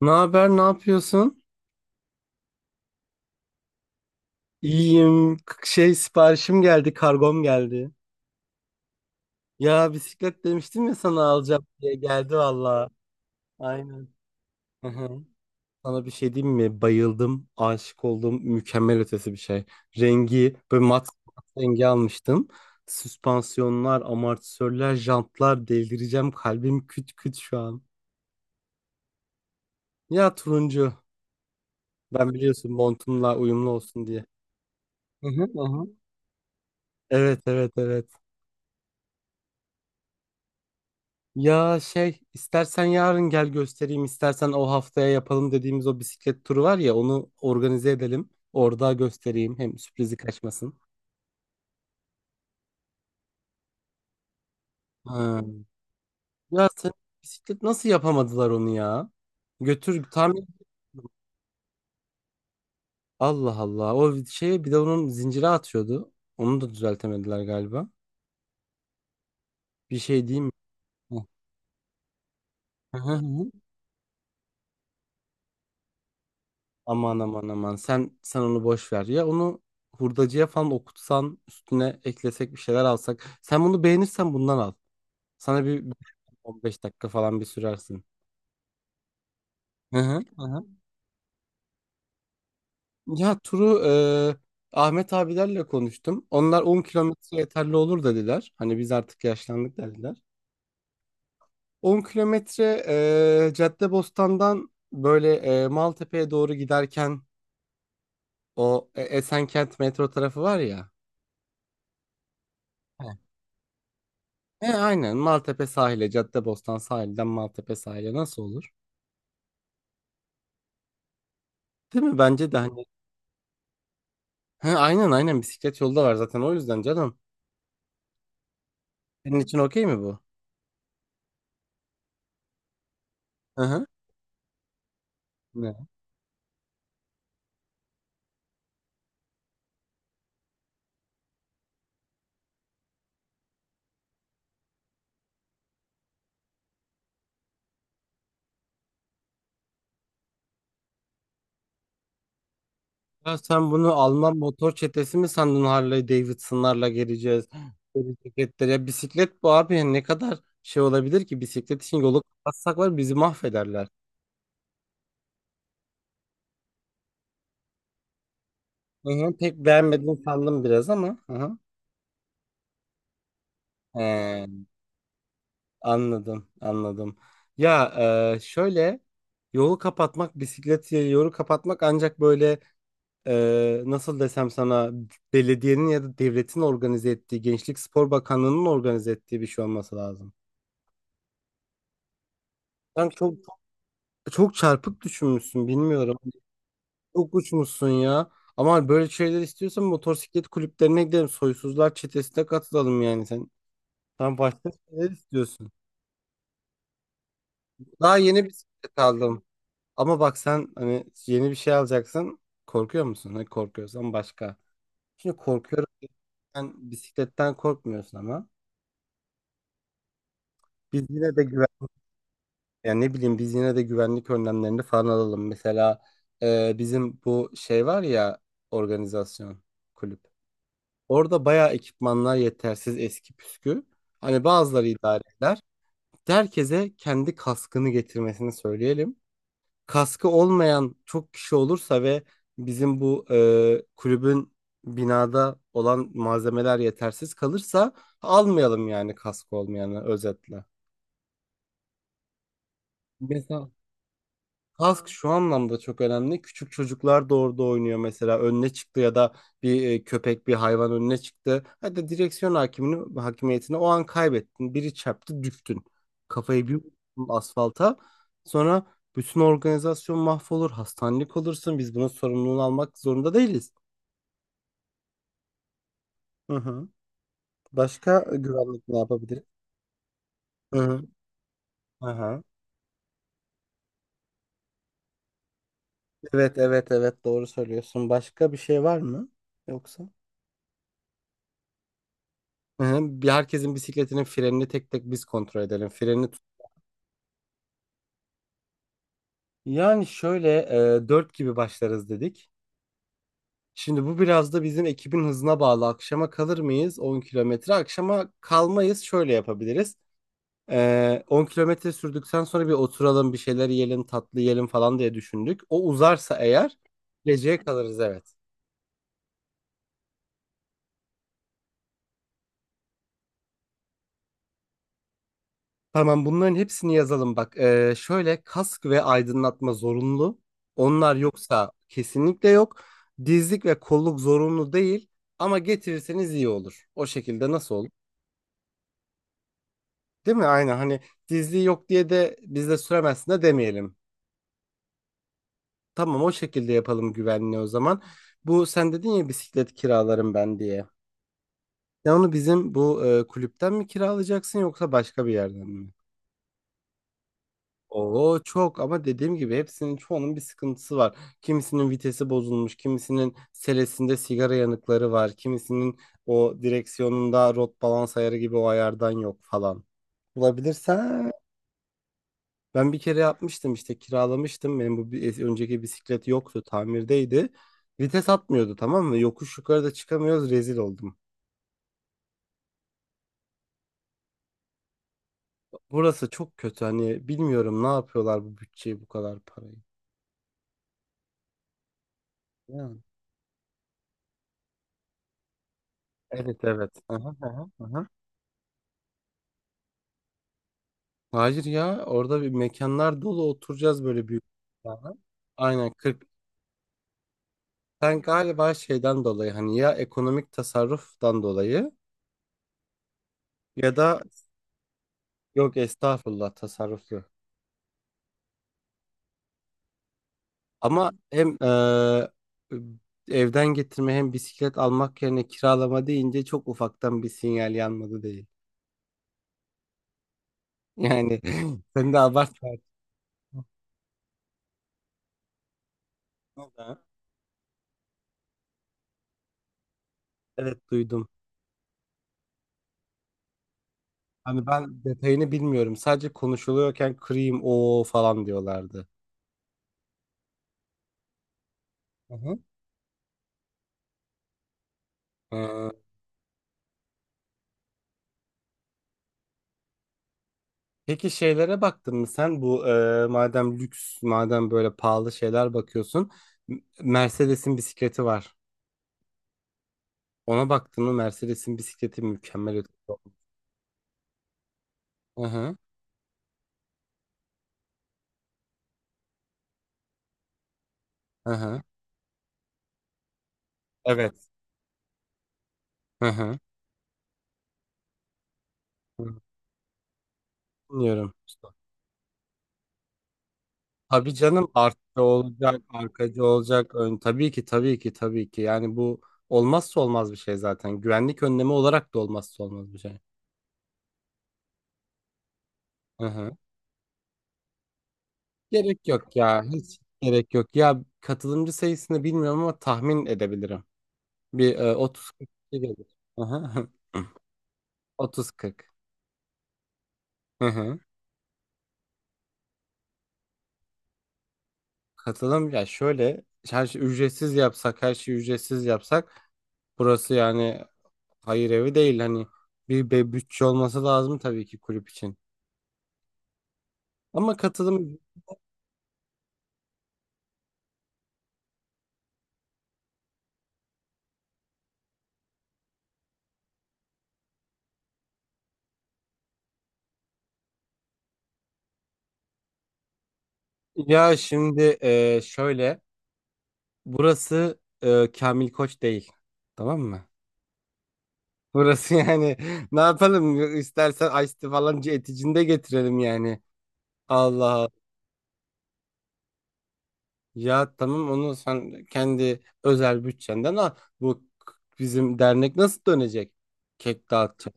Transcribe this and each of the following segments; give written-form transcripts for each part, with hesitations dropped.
Ne haber, ne yapıyorsun? İyiyim. Şey, siparişim geldi, kargom geldi. Ya bisiklet demiştim ya sana alacağım diye geldi valla. Aynen. Hı hı. Sana bir şey diyeyim mi? Bayıldım, aşık oldum. Mükemmel ötesi bir şey. Rengi böyle mat rengi almıştım. Süspansiyonlar, amortisörler, jantlar, delireceğim. Kalbim küt küt şu an. Ya turuncu. Ben biliyorsun montumla uyumlu olsun diye. Hı hı, hı hı. Evet, evet, evet. Ya şey, istersen yarın gel göstereyim, istersen o haftaya yapalım dediğimiz o bisiklet turu var ya, onu organize edelim. Orada göstereyim, hem sürprizi kaçmasın. Ha. Ya sen Bisiklet nasıl yapamadılar onu ya? Götür tamir. Allah Allah, o şeye bir de onun zincire atıyordu. Onu da düzeltemediler galiba. Bir şey diyeyim mi? Hı. Hı hı hı. Aman aman aman, sen onu boş ver ya, onu hurdacıya falan okutsan üstüne eklesek bir şeyler alsak. Sen bunu beğenirsen bundan al. Sana bir 15 dakika falan bir sürersin. Hı hı, hı hı. Ya turu, Ahmet abilerle konuştum. Onlar 10 kilometre yeterli olur dediler. Hani biz artık yaşlandık dediler. 10 kilometre, Caddebostan'dan böyle, Maltepe'ye doğru giderken o Esenkent metro tarafı var ya. He. Aynen Caddebostan sahilden Maltepe sahile nasıl olur? Değil mi? Bence de hani. He, aynen aynen bisiklet yolda var zaten, o yüzden canım. Senin için okey mi bu? Hı hı. Ne? Ya sen bunu Alman motor çetesi mi sandın, Harley Davidson'larla geleceğiz? Böyle ceketler. Ya bisiklet bu abi, ne kadar şey olabilir ki, bisiklet için yolu kapatsak var bizi mahvederler. Hı hı, pek beğenmedim sandım biraz ama. Hı hı. He, anladım anladım. Ya, şöyle, yolu kapatmak bisiklet yolu kapatmak ancak böyle, nasıl desem sana, belediyenin ya da devletin organize ettiği, Gençlik Spor Bakanlığı'nın organize ettiği bir şey olması lazım. Ben çok Çok çarpık düşünmüşsün, bilmiyorum. Çok uçmuşsun ya. Ama böyle şeyler istiyorsan motosiklet kulüplerine gidelim. Soysuzlar çetesine katılalım yani sen. Sen başka şeyler istiyorsun. Daha yeni bisiklet aldım. Ama bak sen hani yeni bir şey alacaksın. Korkuyor musun? Hani korkuyorsan başka. Şimdi korkuyorum. Sen bisikletten korkmuyorsun ama. Biz yine de güven Yani ne bileyim, biz yine de güvenlik önlemlerini falan alalım. Mesela bizim bu şey var ya, organizasyon, kulüp. Orada bayağı ekipmanlar yetersiz, eski püskü. Hani bazıları idare eder. Herkese kendi kaskını getirmesini söyleyelim. Kaskı olmayan çok kişi olursa ve bizim bu kulübün binada olan malzemeler yetersiz kalırsa, almayalım yani kaskı olmayanı, özetle. Mesela Kask şu anlamda çok önemli. Küçük çocuklar da orada oynuyor mesela. Önüne çıktı ya da bir köpek, bir hayvan önüne çıktı. Hadi direksiyon hakimiyetini o an kaybettin. Biri çarptı, düştün. Kafayı bir vurdun asfalta. Sonra bütün organizasyon mahvolur. Hastanelik olursun. Biz bunun sorumluluğunu almak zorunda değiliz. Hı hı. Başka güvenlik ne yapabiliriz? Hı hı. Aha. Evet, evet, evet. Doğru söylüyorsun. Başka bir şey var mı? Yoksa? Hı hı. Bir, herkesin bisikletinin frenini tek tek biz kontrol edelim. Yani şöyle, 4 gibi başlarız dedik. Şimdi bu biraz da bizim ekibin hızına bağlı. Akşama kalır mıyız 10 kilometre? Akşama kalmayız. Şöyle yapabiliriz. 10 kilometre sürdükten sonra bir oturalım, bir şeyler yiyelim, tatlı yiyelim falan diye düşündük. O uzarsa eğer geceye kalırız, evet. Tamam, bunların hepsini yazalım bak. Şöyle, kask ve aydınlatma zorunlu. Onlar yoksa kesinlikle yok. Dizlik ve kolluk zorunlu değil ama getirirseniz iyi olur. O şekilde nasıl olur? Değil mi? Aynen hani, dizliği yok diye de biz de süremezsin de demeyelim. Tamam, o şekilde yapalım güvenliği o zaman. Bu sen dedin ya bisiklet kiralarım ben diye. Ya onu bizim bu kulüpten mi kiralayacaksın yoksa başka bir yerden mi? Oo çok, ama dediğim gibi çoğunun bir sıkıntısı var. Kimisinin vitesi bozulmuş, kimisinin selesinde sigara yanıkları var, kimisinin o direksiyonunda rot balans ayarı gibi o ayardan yok falan. Bulabilirsen, ben bir kere yapmıştım işte, kiralamıştım. Benim bu önceki bisiklet yoktu, tamirdeydi. Vites atmıyordu tamam mı? Yokuş yukarıda çıkamıyoruz, rezil oldum. Burası çok kötü hani, bilmiyorum ne yapıyorlar bu bütçeyi, bu kadar parayı. Ya. Evet evet. Aha, aha, aha. Hayır ya, orada bir mekanlar dolu, oturacağız böyle büyük mekana. Aynen 40. Sen galiba şeyden dolayı, hani ya ekonomik tasarruftan dolayı ya da, yok estağfurullah, tasarruflu. Ama hem evden getirme hem bisiklet almak yerine kiralama deyince, çok ufaktan bir sinyal yanmadı değil. Yani sen de abartma. Evet duydum. Hani ben detayını bilmiyorum. Sadece konuşuluyorken kırayım o falan diyorlardı. Hı hı. Ee, Peki şeylere baktın mı sen, bu madem lüks madem böyle pahalı şeyler bakıyorsun, Mercedes'in bisikleti var. Ona baktın mı? Mercedes'in bisikleti mükemmel ötesi. Hı hı. Hı hı. Evet. Hı hı. Hı. Bilmiyorum. Tabii canım, artçı olacak, arkacı olacak. Tabii ki tabii ki tabii ki. Yani bu olmazsa olmaz bir şey zaten. Güvenlik önlemi olarak da olmazsa olmaz bir şey. Hı hı. Gerek yok ya. Hiç gerek yok. Ya katılımcı sayısını bilmiyorum ama tahmin edebilirim. Bir, 30-40 kişi gelir. Aha. 30-40. Hı hı. Katılım ya şöyle, her şeyi ücretsiz yapsak, burası yani hayır evi değil hani, bir bütçe olması lazım tabii ki kulüp için. Ama katılım Ya şimdi, şöyle, burası Kamil Koç değil, tamam mı? Burası yani ne yapalım, istersen Ice Tea falan eticinde getirelim yani. Allah Ya tamam, onu sen kendi özel bütçenden al. Bu k- Bizim dernek nasıl dönecek? Kek dağıtacak.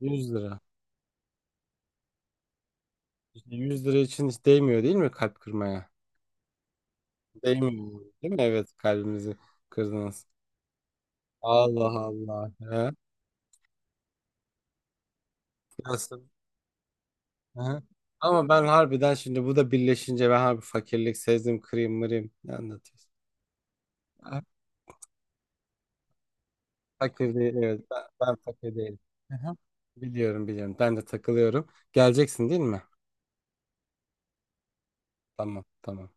100 lira. İşte 100 lira için hiç değmiyor değil mi kalp kırmaya? Değmiyor. Değil mi? Evet, kalbimizi kırdınız. Allah Allah. He? Nasıl? He? Ama ben harbiden şimdi, bu da birleşince, ben harbi fakirlik sezdim, kırayım mırayım. Ne anlatıyorsun? Ha. Fakir değil, evet. Ben fakir değilim. Hı hı. Biliyorum biliyorum. Ben de takılıyorum. Geleceksin değil mi? Tamam tamam.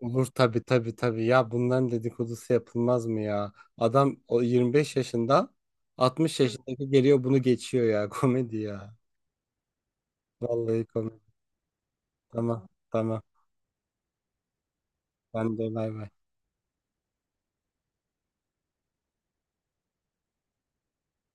Olur, tabii tabii tabii, ya bunların dedikodusu yapılmaz mı ya? Adam o 25 yaşında, 60 yaşındaki geliyor, bunu geçiyor ya, komedi ya. Vallahi komedi. Tamam tamam. Ben de bay bay.